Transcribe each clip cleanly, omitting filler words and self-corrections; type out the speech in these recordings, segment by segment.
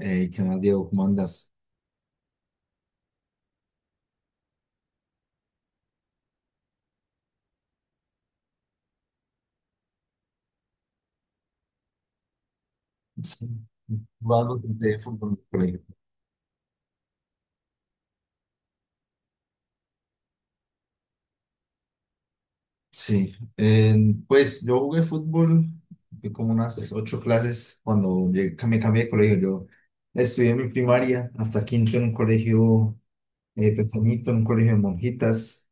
Ey, ¿qué más, Diego? ¿Cómo andas? Sí, jugando de fútbol en el colegio. Sí, pues yo jugué fútbol de como unas 8 clases cuando que me cambié de colegio. Yo estudié mi primaria hasta quinto en un colegio pequeñito, en un colegio de monjitas,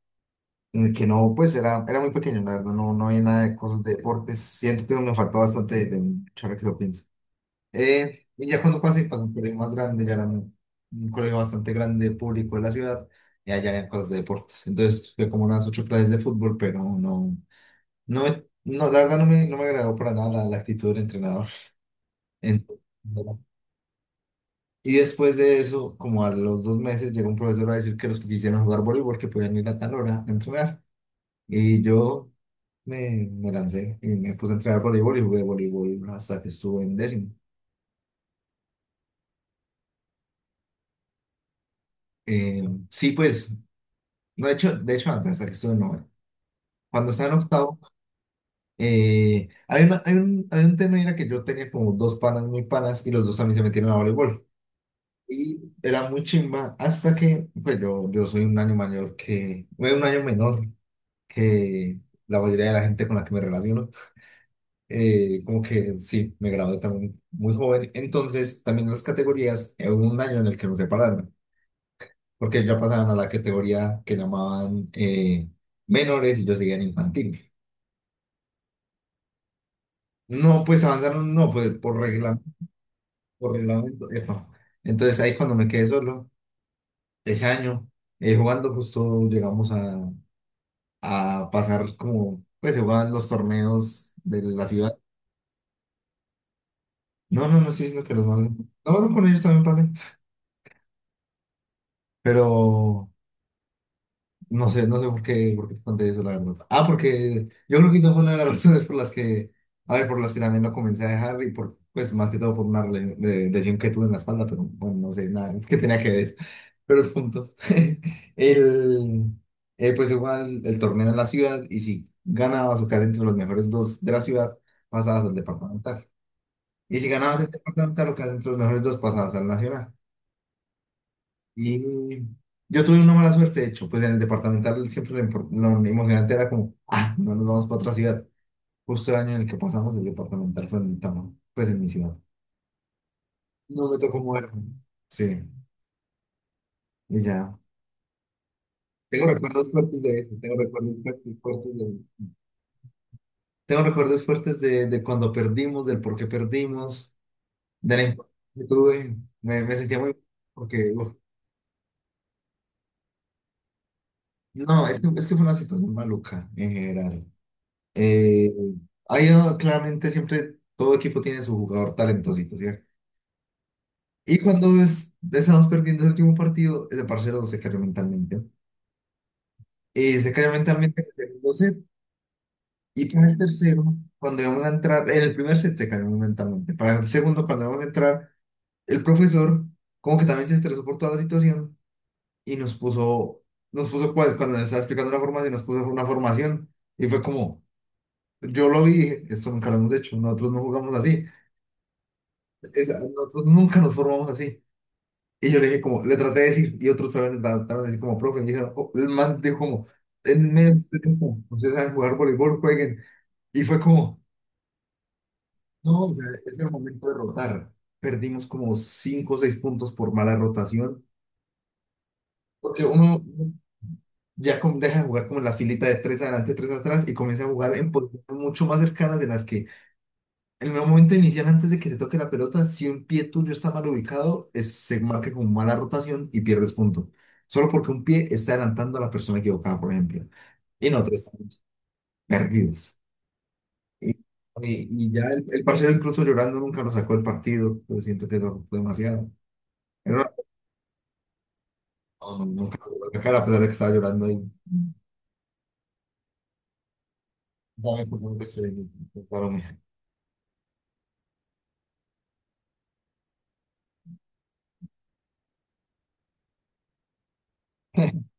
en el que no, pues era, era muy pequeño, la verdad, no, no había nada de cosas de deportes. Siento que me faltó bastante de ahora que lo pienso. Y ya cuando pasé, para un colegio más grande, ya era un colegio bastante grande, público de la ciudad, y allá eran cosas de deportes. Entonces fue como unas 8 clases de fútbol, pero no, no, la verdad no me, no me agradó para nada la, la actitud del entrenador. Entonces, no. Y después de eso, como a los 2 meses, llegó un profesor a decir que los que quisieran jugar voleibol, que podían ir a tal hora a entrenar. Y yo me lancé y me puse a entrenar voleibol y jugué voleibol hasta que estuve en décimo. Eh, sí, pues no, de hecho antes, hasta que estuve en noveno. Cuando estaba en octavo, hay un tema era que yo tenía como dos panas muy panas y los dos también se metieron a voleibol. Y era muy chimba hasta que, pues yo soy un año mayor que, bueno, un año menor que la mayoría de la gente con la que me relaciono. Como que sí, me gradué también muy joven. Entonces, también las categorías, hubo un año en el que nos separaron, porque ya pasaban a la categoría que llamaban menores y yo seguía en infantil. No, pues avanzaron, no, pues por reglamento, por reglamento. Epa. Entonces ahí cuando me quedé solo, ese año, jugando justo llegamos a pasar como, pues se jugaban los torneos de la ciudad. No, no, no estoy diciendo que los malos. No, no, con ellos también pasé, pero no sé, no sé por qué te conté eso, la verdad. Ah, porque yo creo que esa fue una de las razones por las que, a ver, por las que también lo comencé a dejar y por, pues más que todo por una lesión que tuve en la espalda, pero bueno, no sé nada que tenía que ver eso. Pero el punto, el, pues igual el torneo en la ciudad y si ganabas o quedas entre los mejores dos de la ciudad, pasabas al departamental. Y si ganabas el departamental o quedas entre los mejores dos, pasabas al nacional. Y yo tuve una mala suerte, de hecho, pues en el departamental siempre lo emocionante era como, ah, no nos vamos para otra ciudad. Justo el año en el que pasamos el departamental fue en el pues en mi ciudad. No me tocó moverme. Sí, y ya. Tengo recuerdos fuertes de eso, tengo recuerdos fuertes, fuertes de... Tengo recuerdos fuertes de cuando perdimos, del por qué perdimos, de la importancia que tuve. Me sentía muy... Porque, uf, no, es que fue una situación maluca en general. Eh, Claramente siempre todo equipo tiene su jugador talentosito, ¿cierto? Y estamos perdiendo el último partido, ese parcero se cayó mentalmente. Y se cayó mentalmente en el segundo set. Y para el tercero, cuando íbamos a entrar, en el primer set se cayó mentalmente. Para el segundo, cuando íbamos a entrar, el profesor como que también se estresó por toda la situación y nos puso, cuando nos estaba explicando la formación, nos puso una formación. Y fue como, yo lo vi, y dije, esto nunca lo hemos hecho, nosotros no jugamos así. Nosotros nunca nos formamos así. Y yo le dije como, le traté de decir, y otros saben le trataron de decir como, profe, me dijeron, oh, el man dijo como, en medio de este tiempo, ustedes saben jugar voleibol, jueguen. Y fue como, no, o sea, es el momento de rotar. Perdimos como 5 o 6 puntos por mala rotación, porque uno deja de jugar como en la filita de tres adelante, tres atrás, y comienza a jugar en posiciones mucho más cercanas de las que en el momento inicial, antes de que se toque la pelota, si un pie tuyo está mal ubicado, se marca como mala rotación y pierdes punto. Solo porque un pie está adelantando a la persona equivocada, por ejemplo. Y nosotros estamos perdidos. Y, y ya el parcero, incluso llorando, nunca lo sacó del partido. Pero siento que eso fue demasiado. Era- no, no, nunca lo sacó la cara, a pesar de que estaba llorando ahí. Dame por favor, que estoy- Perdóname.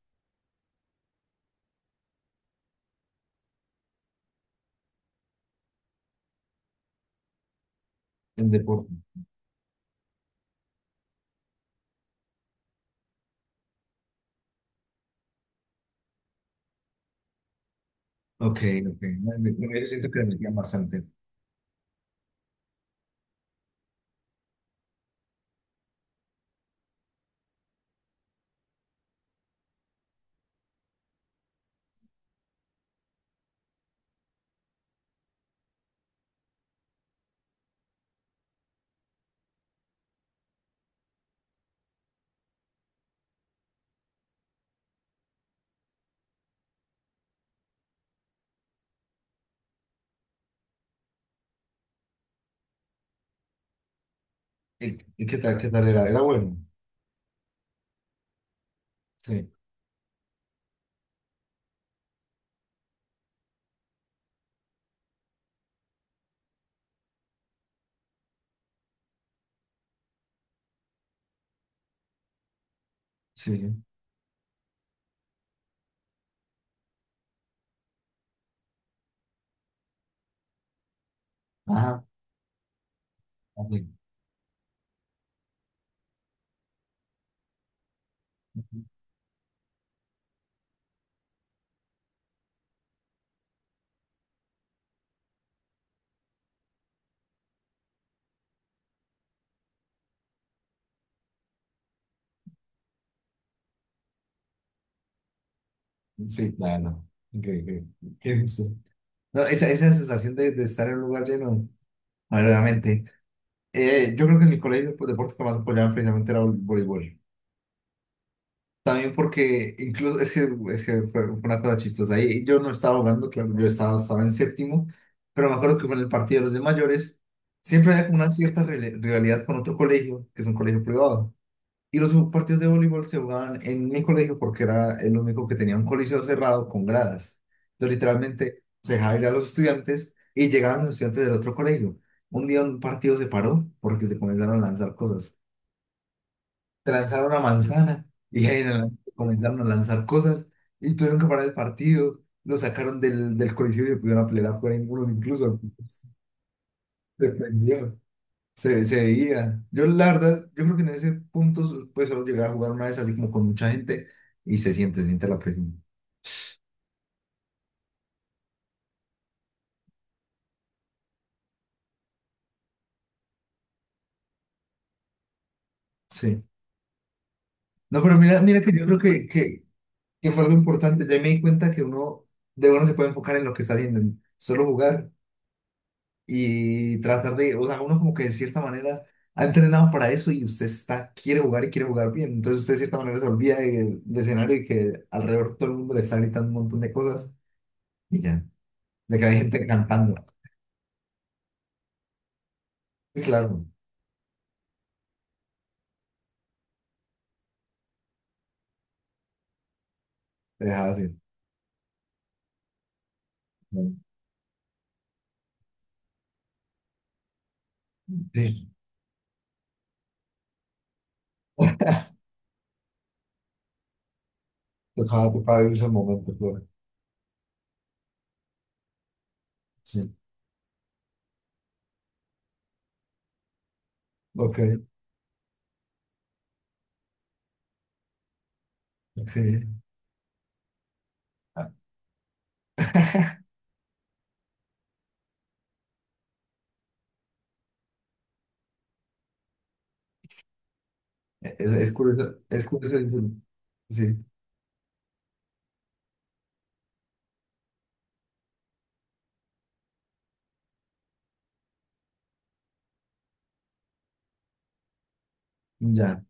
El deporte. Ok, ok. No, en mi primero siento que le metían bastante. Y qué tal era? Era bueno. Sí. Sí. Ajá. Sí. Sí, claro. Increíble. Qué gusto. No, esa sensación de estar en un lugar lleno, verdaderamente. Yo creo que en mi colegio pues, deporte que más apoyaban precisamente era el voleibol. También porque incluso, es que fue, fue una cosa chistosa. Ahí yo no estaba jugando, claro, yo estaba, estaba en séptimo, pero me acuerdo que con el partido de los de mayores siempre había como una cierta rivalidad con otro colegio, que es un colegio privado. Y los partidos de voleibol se jugaban en mi colegio porque era el único que tenía un coliseo cerrado con gradas. Entonces, literalmente, se dejaba ir a los estudiantes y llegaban los estudiantes del otro colegio. Un día un partido se paró porque se comenzaron a lanzar cosas. Se lanzaron una manzana y ahí en adelante comenzaron a lanzar cosas y tuvieron que parar el partido. Lo sacaron del, del coliseo y se pudieron pelear afuera, unos incluso. Se prendió. Se veía. Yo, la verdad, yo creo que en ese punto, pues solo llegué a jugar una vez así como con mucha gente y se siente la presión. Sí. No, pero mira, mira que yo creo que fue algo importante. Ya me di cuenta que uno de verdad se puede enfocar en lo que está haciendo, en solo jugar y tratar de, o sea, uno como que de cierta manera ha entrenado para eso y usted está, quiere jugar y quiere jugar bien. Entonces usted de cierta manera se olvida del, del escenario y que alrededor todo el mundo le está gritando un montón de cosas y ya, de que hay gente cantando. Y claro, te deja así. Sí, tocaba, tocaba vivir ese momento, claro. Sí, ok, ok. Ah, es, es curioso eso. Sí, ya.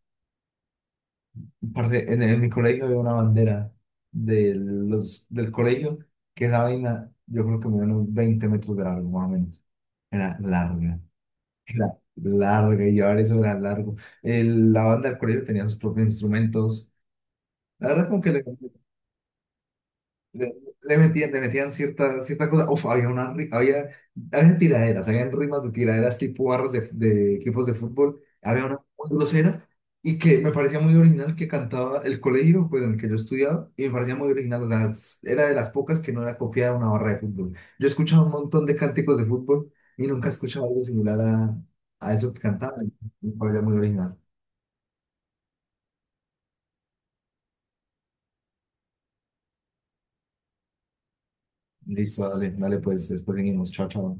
Parce, en mi colegio había una bandera de los, del colegio, que esa vaina, yo creo que me dio unos 20 metros de largo, más o menos. Era larga, era larga, y llevar eso era largo. La banda del colegio tenía sus propios instrumentos. La verdad, como que le, Le, le metían cierta, cierta cosa. Uf, había, había tiraderas, habían rimas de tiraderas tipo barras de equipos de fútbol. Había una muy grosera y que me parecía muy original que cantaba el colegio pues, en el que yo estudiaba y me parecía muy original. O sea, era de las pocas que no era copiada de una barra de fútbol. Yo escuchaba un montón de cánticos de fútbol y nunca escuchaba algo similar a eso que cantaban. Me parecía muy original. Listo, dale, dale, pues después venimos. Chao, chao.